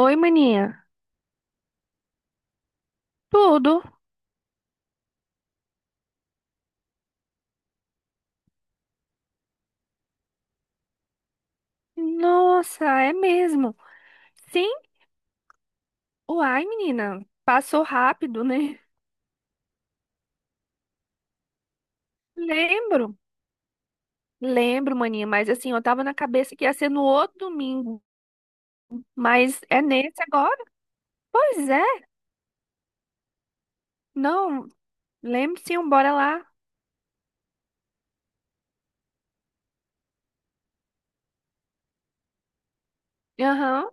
Oi, maninha. Tudo? Nossa, é mesmo. Sim? Uai, menina. Passou rápido, né? Lembro. Lembro, maninha, mas assim, eu tava na cabeça que ia ser no outro domingo. Mas é nesse agora? Pois é. Não, lembro sim, bora lá. Aham,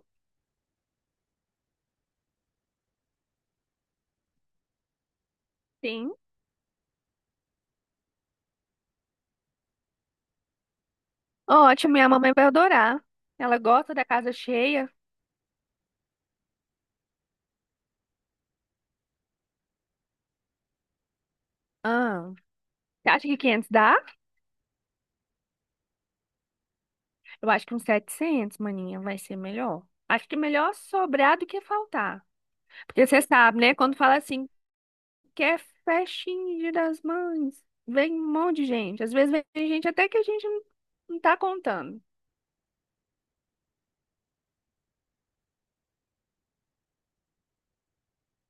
sim. Ótimo, minha mamãe vai adorar. Ela gosta da casa cheia. Ah, você acha que 500 dá? Eu acho que uns 700, maninha, vai ser melhor. Acho que melhor sobrar do que faltar. Porque você sabe, né? Quando fala assim, que é festinha Dia das mães, vem um monte de gente. Às vezes vem gente até que a gente não, não tá contando.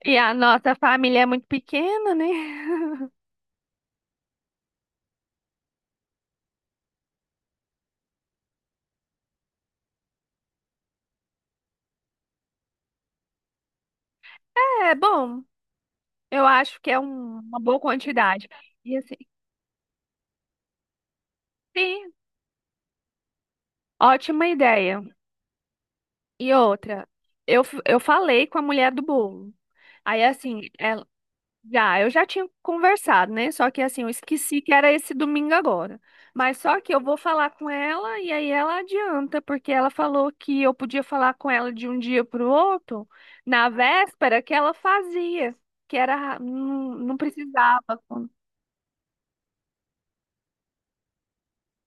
E a nossa família é muito pequena, né? É bom, eu acho que é uma boa quantidade. E assim, sim, ótima ideia. E outra, eu falei com a mulher do bolo. Aí assim, ela. Já, eu já tinha conversado, né? Só que assim, eu esqueci que era esse domingo agora. Mas só que eu vou falar com ela e aí ela adianta, porque ela falou que eu podia falar com ela de um dia para o outro, na véspera que ela fazia, que era não, não precisava.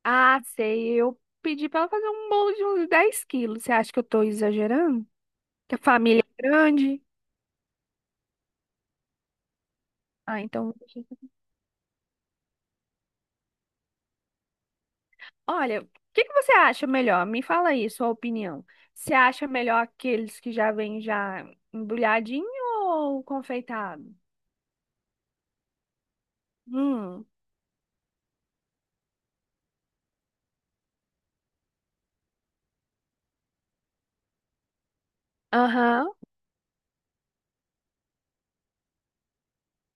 Ah, sei, eu pedi para ela fazer um bolo de uns 10 quilos. Você acha que eu tô exagerando? Que a família é grande? Ah, então. Olha, o que que você acha melhor? Me fala aí sua opinião. Você acha melhor aqueles que já vêm já embrulhadinho ou confeitado? Hum, aham,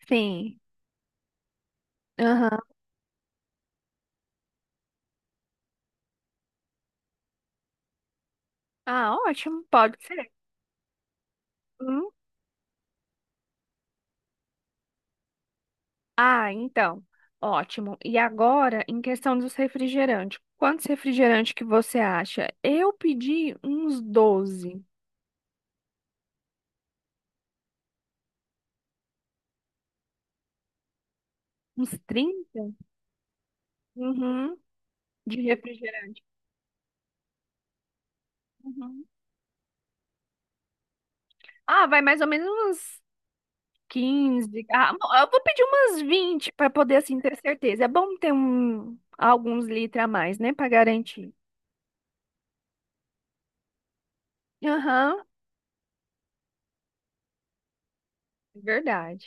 sim, aham. Ah, ótimo, pode ser. Hum. Ah, então, ótimo. E agora, em questão dos refrigerantes, quantos refrigerantes que você acha? Eu pedi uns 12, uns 30, uhum, de refrigerante. Uhum. Ah, vai mais ou menos uns 15. Ah, bom, eu vou pedir umas 20 para poder assim ter certeza. É bom ter alguns litros a mais, né, para garantir. Aham, verdade.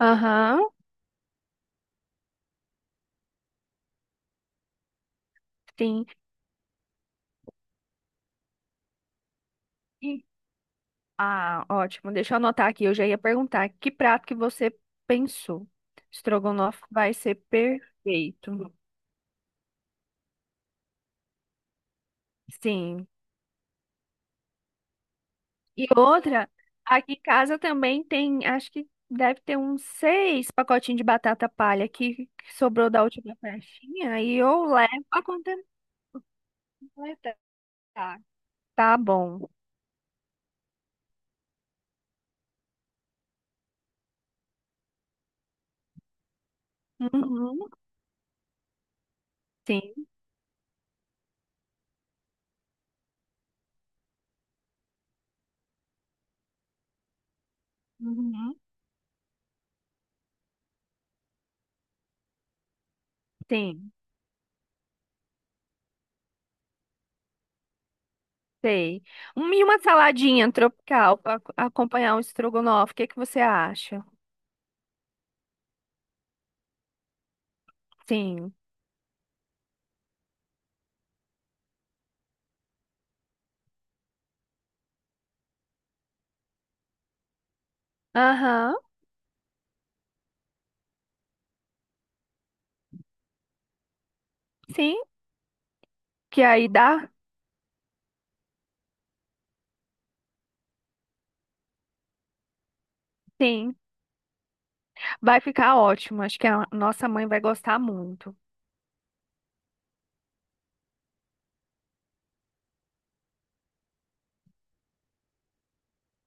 Aham, sim. E- ah, ótimo. Deixa eu anotar aqui. Eu já ia perguntar que prato que você pensou. Estrogonofe vai ser perfeito. Sim. E outra, aqui em casa também tem, acho que deve ter uns seis pacotinhos de batata palha que sobrou da última festinha e eu levo pra conta completa. Tá tá bom. Uhum, sim. Uhum, sim. Sei. E uma saladinha tropical para acompanhar um estrogonofe. O que que você acha? Sim. Aham. Sim. Que aí dá? Sim. Vai ficar ótimo. Acho que a nossa mãe vai gostar muito.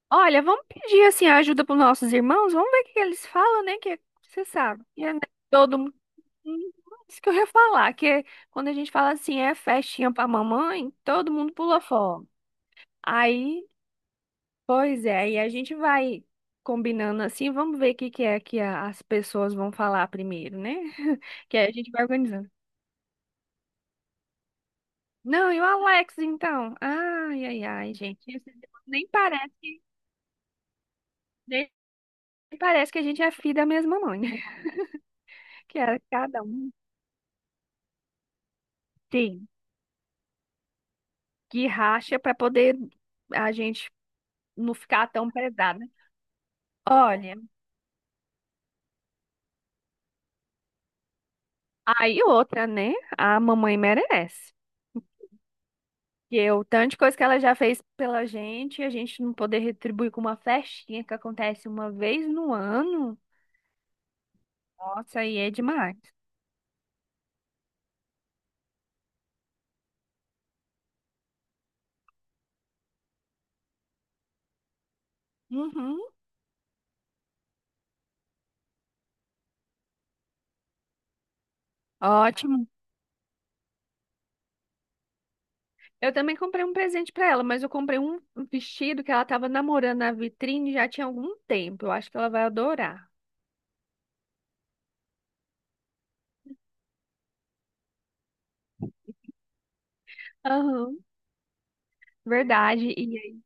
Olha, vamos pedir assim a ajuda para os nossos irmãos, vamos ver o que que eles falam, né? Que você sabe, que é né, todo mundo. Hum, Isso que eu ia falar, que é quando a gente fala assim, é festinha para mamãe, todo mundo pula fora. Aí, pois é, aí a gente vai combinando assim, vamos ver o que que é que as pessoas vão falar primeiro, né? Que aí a gente vai organizando. Não, e o Alex, então? Ai, ai, ai, gente, esses irmãos nem parece, nem parece que a gente é filho da mesma mãe, né? Que era cada um que racha para poder a gente não ficar tão pesada. Olha, aí outra, né? A mamãe merece. Que eu, tanto de coisa que ela já fez pela gente, a gente não poder retribuir com uma festinha que acontece uma vez no ano. Nossa, aí é demais. Uhum, ótimo. Eu também comprei um presente para ela, mas eu comprei um vestido que ela estava namorando na vitrine já tinha algum tempo. Eu acho que ela vai adorar. Aham, verdade. E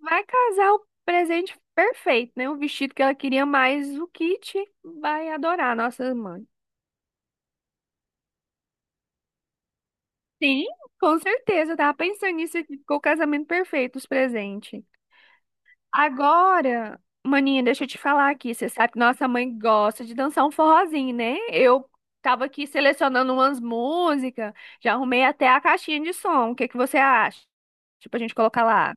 vai casar o presente perfeito, né? O vestido que ela queria, mais o Kit vai adorar, nossa mãe. Sim, com certeza. Eu tava pensando nisso aqui. Ficou o casamento perfeito, os presentes. Agora, maninha, deixa eu te falar aqui. Você sabe que nossa mãe gosta de dançar um forrozinho, né? Eu tava aqui selecionando umas músicas, já arrumei até a caixinha de som. O que que você acha? Tipo, a gente colocar lá.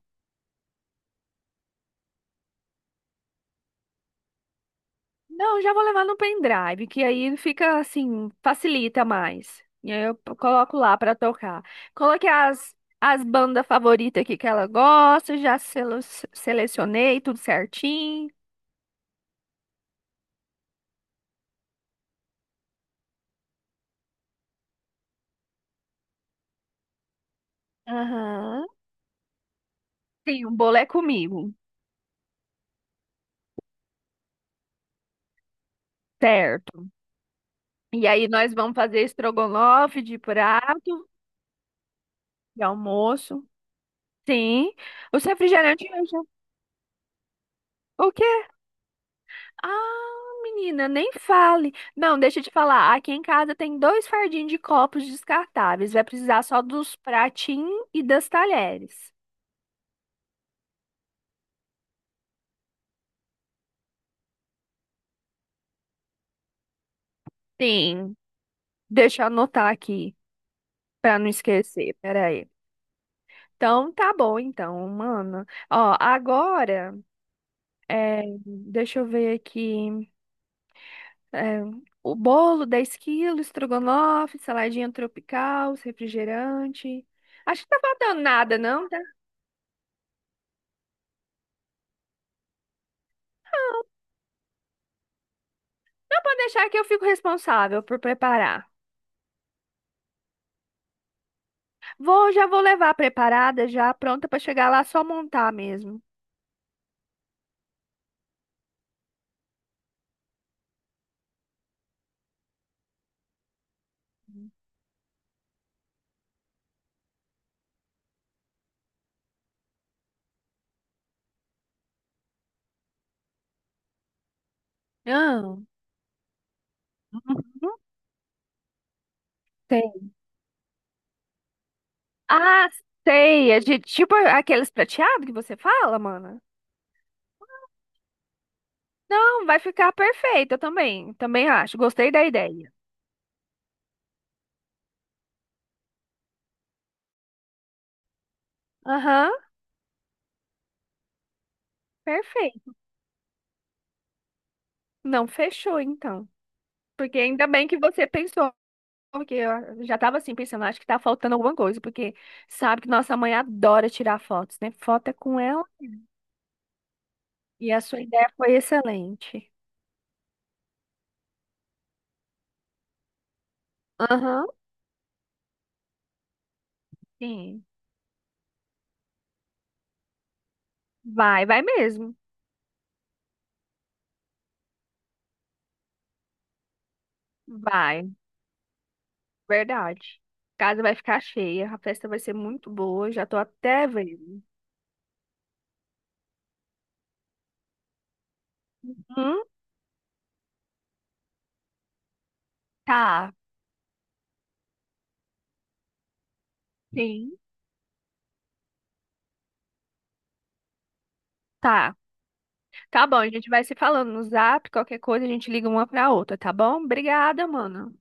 Não, já vou levar no pendrive, que aí fica assim, facilita mais. E aí eu coloco lá pra tocar. Coloquei as bandas favoritas aqui que ela gosta, já selecionei tudo certinho. Aham. Sim, o bolo é comigo, certo? E aí nós vamos fazer estrogonofe de prato, de almoço. Sim. Os refrigerantes, eu já. O quê? Ah, menina, nem fale. Não, deixa eu te falar. Aqui em casa tem dois fardinhos de copos descartáveis. Vai precisar só dos pratinhos e das talheres. Sim, deixa eu anotar aqui pra não esquecer. Peraí. Então, tá bom, então, mano. Ó, agora, é, deixa eu ver aqui. É, o bolo, 10 quilos, estrogonofe, saladinha tropical, refrigerante. Acho que tá faltando nada, não? Tá? Pode deixar que eu fico responsável por preparar. Vou, já vou levar preparada, já pronta para chegar lá, só montar mesmo. Ah, não sei. Ah, sei, é de tipo aqueles prateados que você fala, mana. Não, vai ficar perfeito, eu também, também acho. Gostei da ideia. Aham, perfeito. Não, fechou então. Porque ainda bem que você pensou, porque eu já tava assim pensando, acho que tá faltando alguma coisa, porque sabe que nossa mãe adora tirar fotos, né? Foto é com ela. E a sua ideia foi excelente. Aham, sim. Vai, vai mesmo. Vai, verdade. A casa vai ficar cheia, a festa vai ser muito boa, já tô até vendo. Hum, tá, sim, tá. Tá bom, a gente vai se falando no Zap, qualquer coisa a gente liga uma pra outra, tá bom? Obrigada, mano.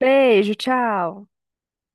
Beijo, tchau.